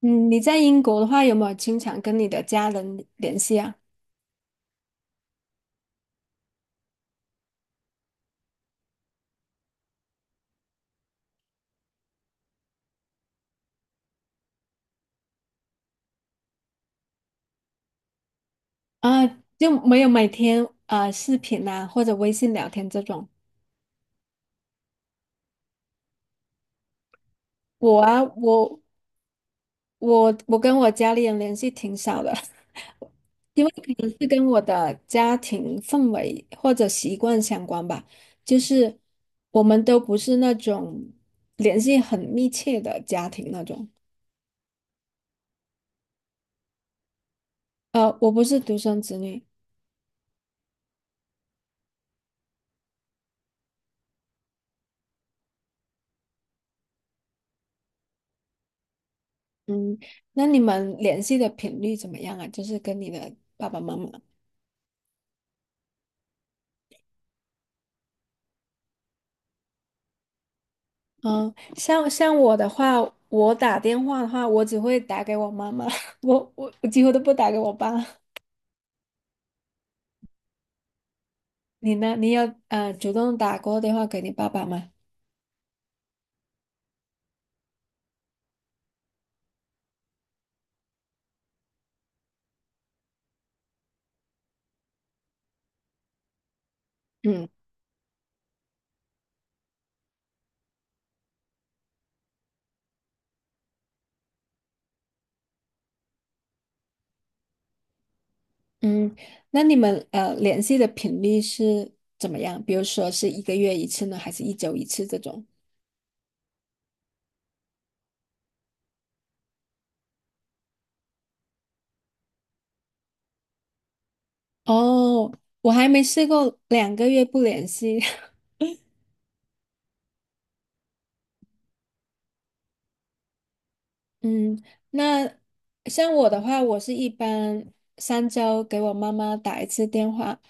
嗯，你在英国的话，有没有经常跟你的家人联系啊？啊，就没有每天啊、视频啊或者微信聊天这种。我啊，我跟我家里人联系挺少的，因为可能是跟我的家庭氛围或者习惯相关吧。就是我们都不是那种联系很密切的家庭那种。我不是独生子女。嗯，那你们联系的频率怎么样啊？就是跟你的爸爸妈妈。嗯，像我的话，我打电话的话，我只会打给我妈妈，我几乎都不打给我爸。你呢？你有主动打过电话给你爸爸吗？嗯嗯，那你们联系的频率是怎么样？比如说是一个月一次呢，还是一周一次这种？哦，我还没试过两个月不联系。嗯，那像我的话，我是一般三周给我妈妈打一次电话，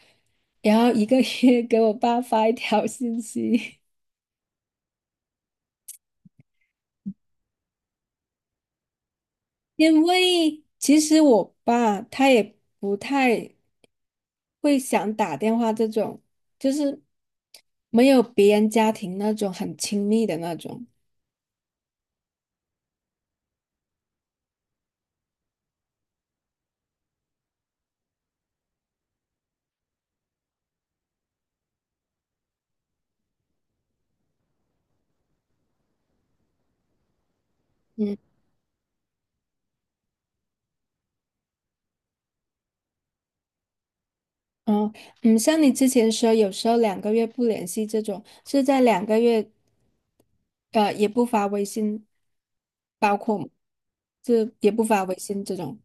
然后一个月 给我爸发一条信息。因为其实我爸他也不太会想打电话这种，就是没有别人家庭那种很亲密的那种。嗯嗯嗯，像你之前说，有时候两个月不联系这种，是在两个月。呃，也不发微信，包括吗就也不发微信这种。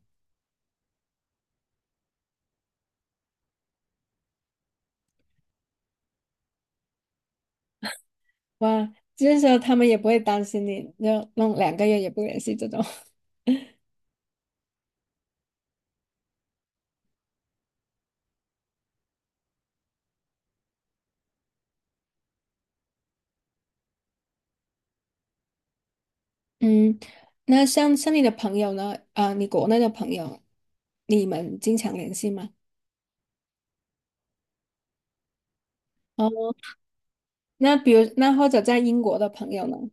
哇，就是说他们也不会担心你，就弄两个月也不联系这种。嗯，那像你的朋友呢？啊、你国内的朋友，你们经常联系吗？哦，那比如那或者在英国的朋友呢？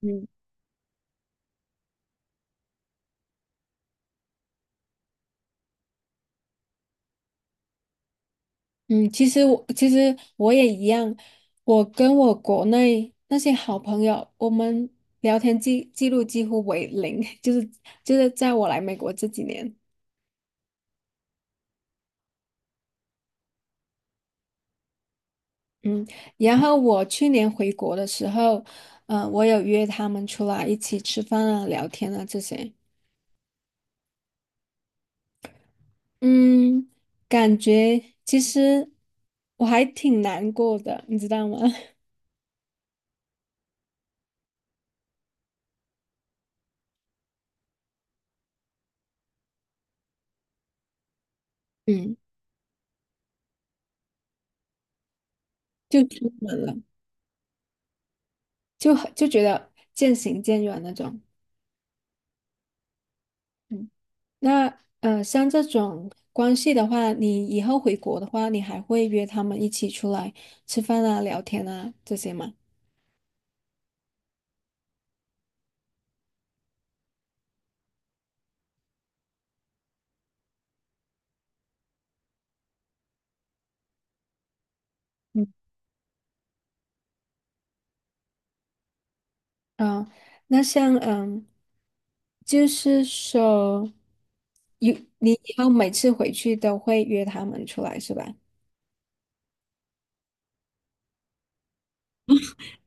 嗯。嗯，其实我也一样，我跟我国内那些好朋友，我们聊天记录几乎为零，就是在我来美国这几年，嗯，然后我去年回国的时候，嗯，我有约他们出来一起吃饭啊、聊天啊这些，嗯，感觉其实我还挺难过的，你知道吗？嗯，就出门了，就觉得渐行渐远那种。嗯那，像这种关系的话，你以后回国的话，你还会约他们一起出来吃饭啊、聊天啊这些吗？嗯，啊、那像嗯，就是说，有你以后每次回去都会约他们出来是吧？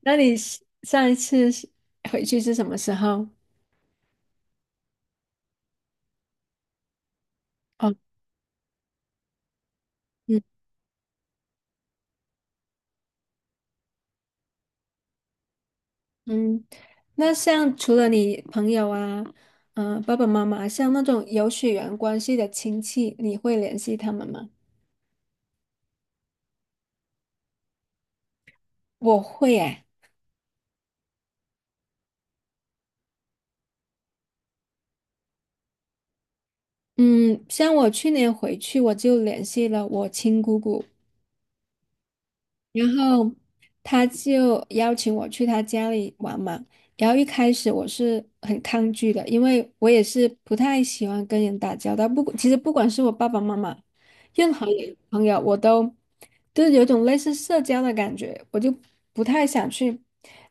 那你是上一次是回去是什么时候？哦，嗯。嗯，那像除了你朋友啊，嗯、爸爸妈妈，像那种有血缘关系的亲戚，你会联系他们吗？我会诶，嗯，像我去年回去，我就联系了我亲姑姑。然后他就邀请我去他家里玩嘛。然后一开始我是很抗拒的，因为我也是不太喜欢跟人打交道。不，其实不管是我爸爸妈妈，任何人朋友，我都就是有种类似社交的感觉，我就不太想去。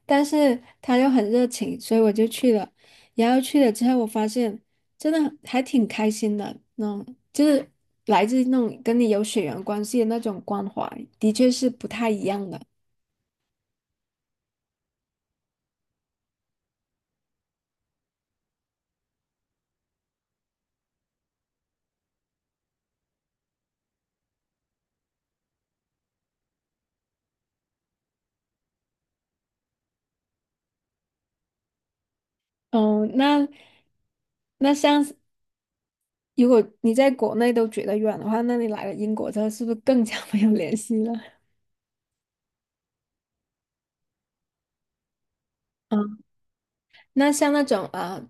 但是他又很热情，所以我就去了。然后去了之后，我发现。真的还挺开心的，嗯，就是来自那种跟你有血缘关系的那种关怀，的确是不太一样的。哦，那那像是如果你在国内都觉得远的话，那你来了英国之后，是不是更加没有联系了？嗯，那像那种啊，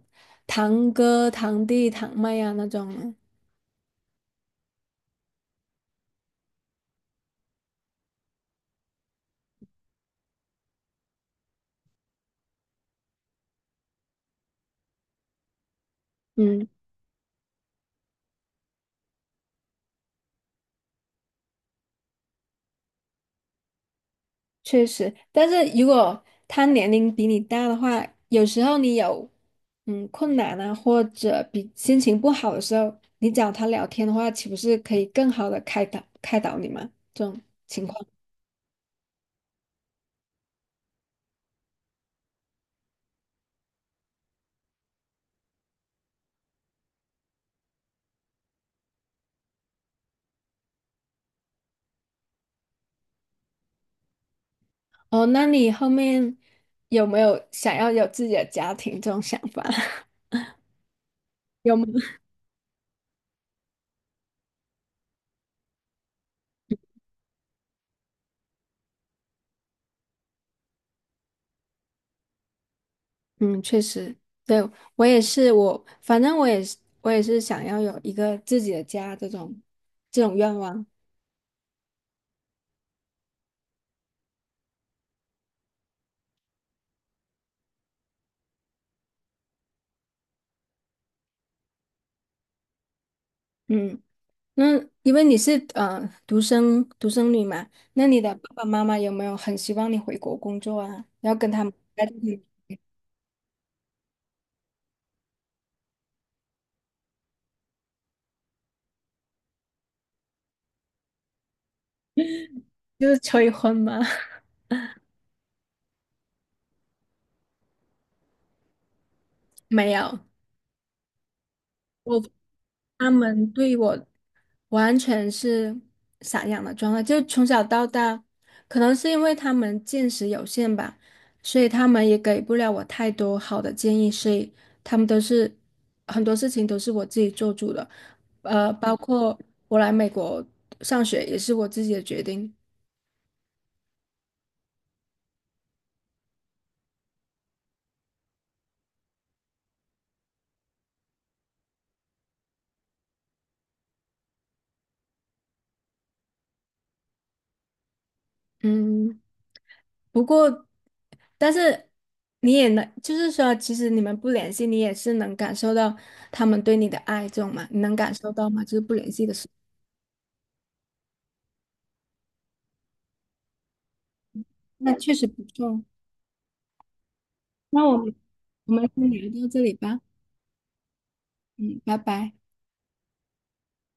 堂哥、堂弟、堂妹啊那种呢嗯。确实，但是如果他年龄比你大的话，有时候你有嗯困难啊，或者比心情不好的时候，你找他聊天的话，岂不是可以更好的开导开导你吗？这种情况哦，那你后面有没有想要有自己的家庭这种想法？有吗？嗯，确实，对，我也是，我反正我也是，我也是想要有一个自己的家这种这种愿望。嗯。那因为你是独生女嘛，那你的爸爸妈妈有没有很希望你回国工作啊？要跟他们在这里就是催婚吗？没有，我他们对我完全是散养的状态，就从小到大，可能是因为他们见识有限吧，所以他们也给不了我太多好的建议，所以他们都是很多事情都是我自己做主的，呃，包括我来美国上学也是我自己的决定，嗯，不过，但是你也能，就是说，其实你们不联系，你也是能感受到他们对你的爱，这种嘛，你能感受到吗？就是不联系的时候，那确实不错。那我们先聊到这里吧，嗯，拜拜。